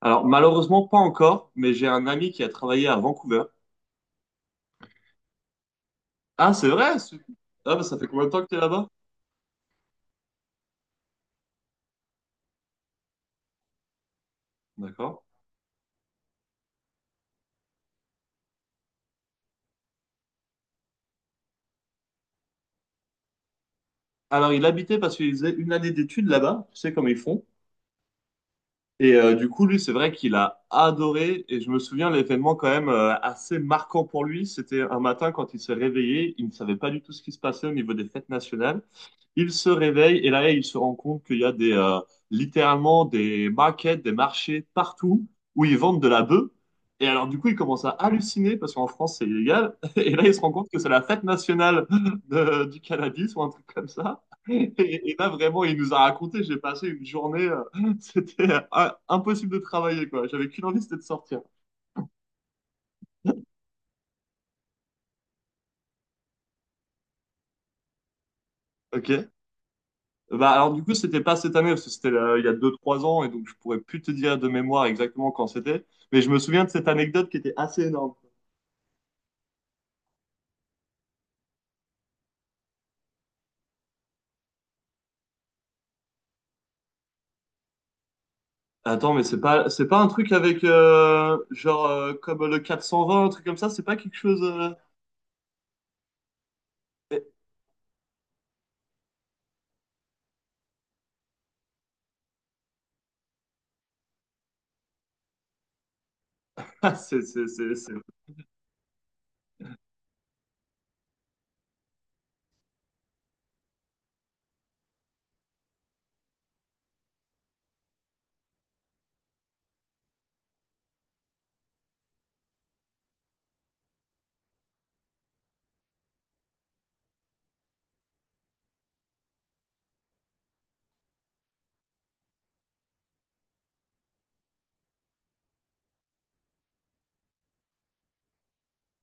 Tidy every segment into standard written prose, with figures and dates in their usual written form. Alors, malheureusement, pas encore, mais j'ai un ami qui a travaillé à Vancouver. Ah, c'est vrai? Ah, bah, ça fait combien de temps que t'es là-bas? D'accord. Alors, il habitait parce qu'il faisait une année d'études là-bas. Tu sais comment ils font. Et du coup, lui, c'est vrai qu'il a adoré. Et je me souviens l'événement quand même assez marquant pour lui. C'était un matin quand il s'est réveillé, il ne savait pas du tout ce qui se passait au niveau des fêtes nationales. Il se réveille et là, il se rend compte qu'il y a des littéralement des markets, des marchés partout où ils vendent de la bœuf. Et alors, du coup, il commence à halluciner parce qu'en France, c'est illégal. Et là, il se rend compte que c'est la fête nationale du cannabis ou un truc comme ça. Et, et là, vraiment, il nous a raconté, j'ai passé une journée. C'était impossible de travailler, quoi. J'avais qu'une envie, c'était de sortir. Ok. Bah, alors, du coup, c'était pas cette année, parce que c'était il y a deux trois ans, et donc je pourrais plus te dire de mémoire exactement quand c'était. Mais je me souviens de cette anecdote qui était assez énorme. Attends, mais c'est pas un truc avec, genre, comme le 420, un truc comme ça, c'est pas quelque chose. Ah,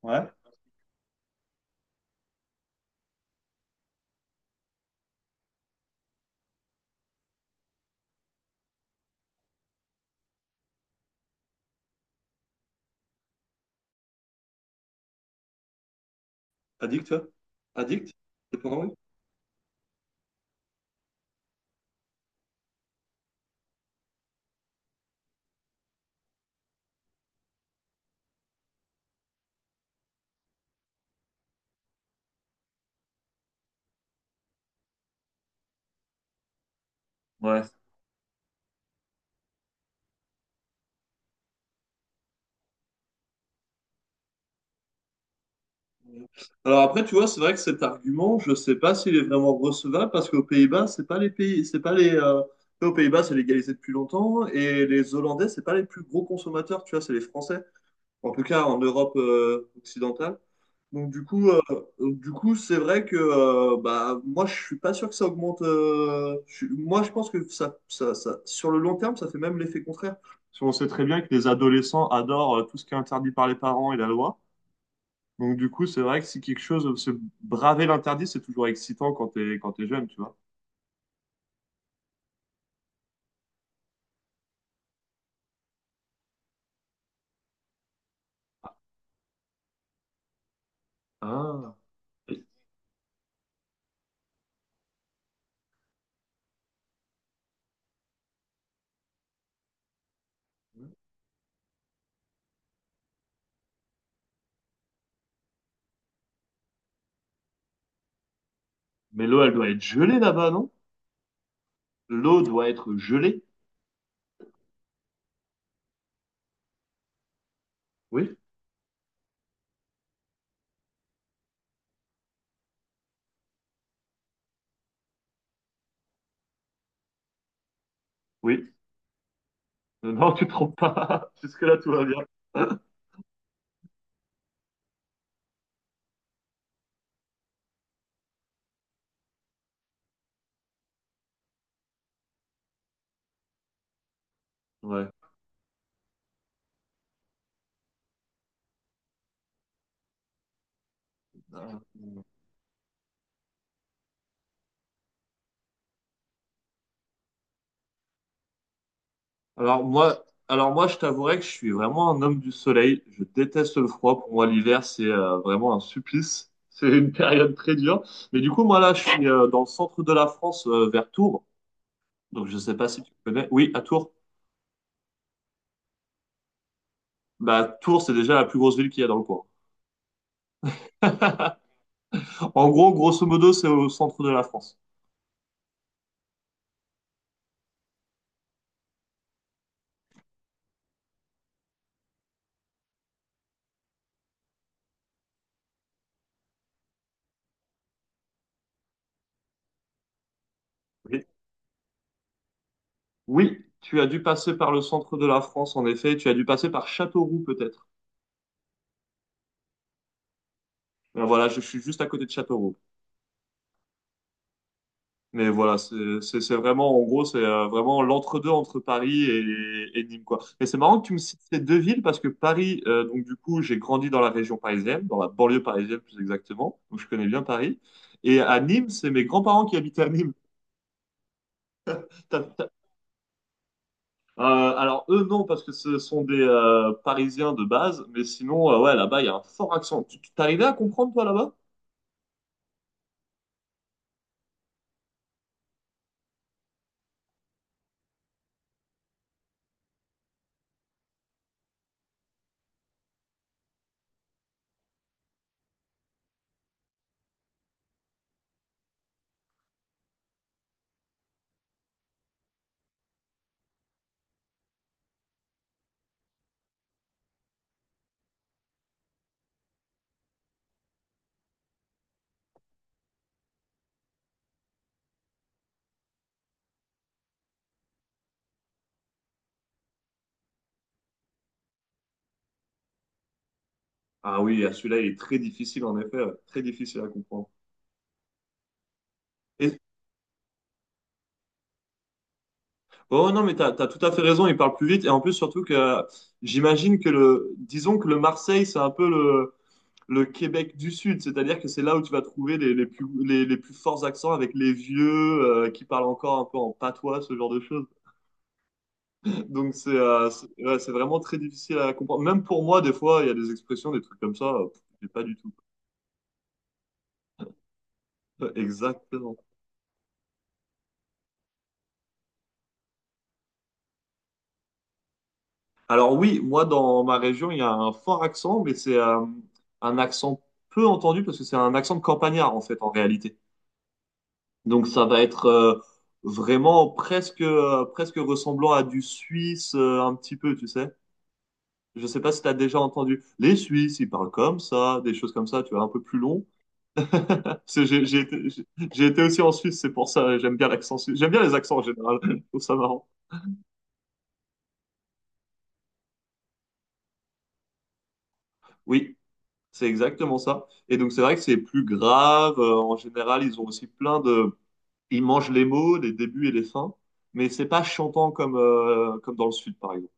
Ouais. Addict, toi? Addict? C'est pas vrai. Ouais. Alors après, tu vois, c'est vrai que cet argument, je ne sais pas s'il est vraiment recevable parce qu'aux Pays-Bas, c'est pas les pays, c'est pas les. Aux Pays-Bas, c'est légalisé depuis longtemps et les Hollandais, c'est pas les plus gros consommateurs, tu vois, c'est les Français, en tout cas en Europe occidentale. Donc du coup, c'est vrai que bah moi, je suis pas sûr que ça augmente. Moi, je pense que ça, sur le long terme, ça fait même l'effet contraire. Parce qu'on sait très bien que les adolescents adorent tout ce qui est interdit par les parents et la loi. Donc, du coup, c'est vrai que si quelque chose, se braver l'interdit, c'est toujours excitant quand t'es jeune, tu vois. Ah, mais l'eau, elle doit être gelée là-bas, non? L'eau doit être gelée. Oui, oui. Non, tu te trompes pas. Jusque-là, tout va bien. Ouais. Ah. Alors moi, je t'avouerais que je suis vraiment un homme du soleil. Je déteste le froid. Pour moi, l'hiver, c'est vraiment un supplice. C'est une période très dure. Mais du coup, moi là, je suis dans le centre de la France, vers Tours. Donc, je sais pas si tu connais. Oui, à Tours. Bah, Tours, c'est déjà la plus grosse ville qu'il y a dans le coin. En gros, grosso modo, c'est au centre de la France. Oui. Oui, tu as dû passer par le centre de la France, en effet. Tu as dû passer par Châteauroux, peut-être. Voilà, je suis juste à côté de Châteauroux. Mais voilà, c'est vraiment, en gros, c'est vraiment l'entre-deux entre Paris et Nîmes, quoi. Et c'est marrant que tu me cites ces deux villes parce que Paris, donc du coup, j'ai grandi dans la région parisienne, dans la banlieue parisienne plus exactement. Donc je connais bien Paris. Et à Nîmes, c'est mes grands-parents qui habitaient à Nîmes. Alors eux non parce que ce sont des Parisiens de base, mais sinon ouais là-bas il y a un fort accent. Tu t'arrivais à comprendre toi là-bas? Ah oui, ah, celui-là il est très difficile en effet, ouais. Très difficile à comprendre. Et, oh non mais t'as tout à fait raison, il parle plus vite et en plus surtout que j'imagine que le disons que le Marseille c'est un peu le Québec du Sud, c'est-à-dire que c'est là où tu vas trouver les plus forts accents avec les vieux qui parlent encore un peu en patois, ce genre de choses. Donc c'est ouais, c'est vraiment très difficile à comprendre. Même pour moi, des fois, il y a des expressions, des trucs comme ça, pff, j'ai pas du tout. Ouais, exactement. Alors oui, moi dans ma région, il y a un fort accent, mais c'est un accent peu entendu parce que c'est un accent de campagnard en fait en réalité. Donc ça va être vraiment presque ressemblant à du suisse un petit peu, tu sais. Je sais pas si tu as déjà entendu. Les Suisses, ils parlent comme ça, des choses comme ça, tu vois, un peu plus long. Parce j'ai été, j'ai- J'ai été aussi en Suisse, c'est pour ça, j'aime bien l'accent suisse. J'aime bien les accents en général, je trouve ça marrant. Oui, c'est exactement ça. Et donc c'est vrai que c'est plus grave, en général, ils ont aussi plein de... Ils mangent les mots, les débuts et les fins, mais c'est pas chantant comme, comme dans le sud, par exemple.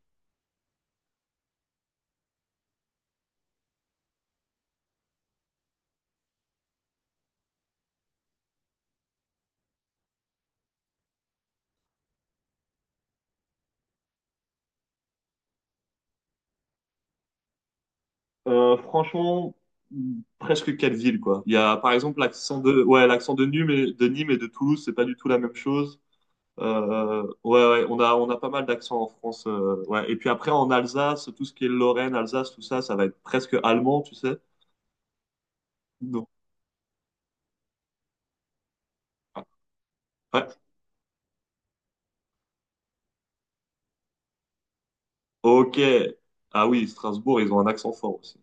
Franchement, presque quelle ville, quoi. Il y a par exemple l'accent de... Ouais, l'accent de Nîmes et de Toulouse, c'est pas du tout la même chose. Ouais, ouais, on a pas mal d'accents en France. Ouais. Et puis après, en Alsace, tout ce qui est Lorraine, Alsace, tout ça, ça va être presque allemand, tu sais. Non. Ouais. Ok. Ah oui, Strasbourg, ils ont un accent fort aussi.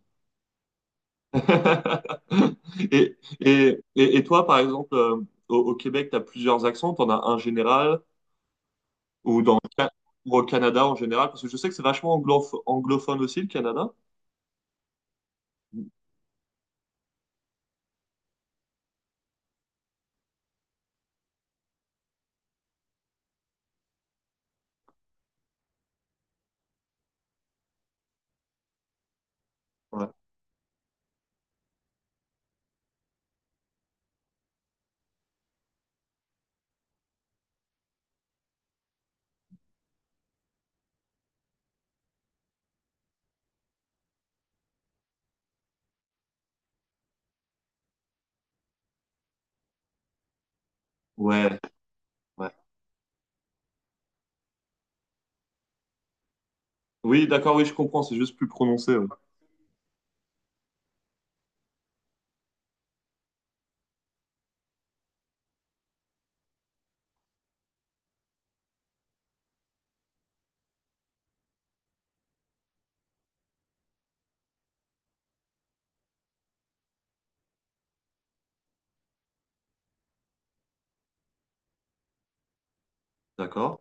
Et toi, par exemple, au Québec, tu as plusieurs accents. Tu en as un général, Ou dans le Ca- ou au Canada en général, parce que je sais que c'est vachement anglophone aussi, le Canada. Ouais. Ouais, ouais. Oui, d'accord, oui, je comprends, c'est juste plus prononcé. Ouais. D'accord.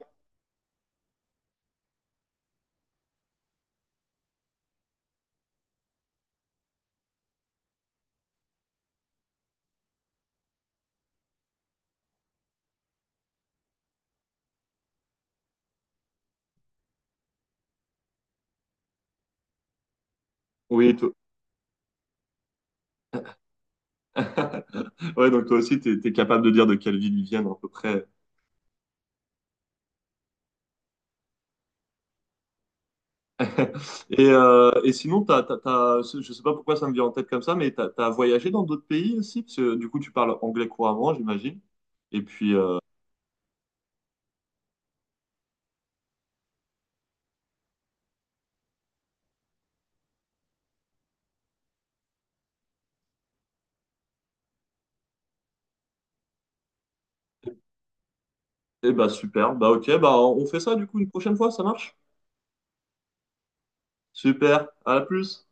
Oui, toi... Ouais, donc toi aussi, t'es capable de dire de quelle ville ils viennent à peu près. Et sinon, je sais pas pourquoi ça me vient en tête comme ça, mais t'as voyagé dans d'autres pays aussi? Parce que du coup, tu parles anglais couramment, j'imagine. Et puis, eh bah super, bah ok, bah on fait ça du coup une prochaine fois, ça marche? Super, à la plus!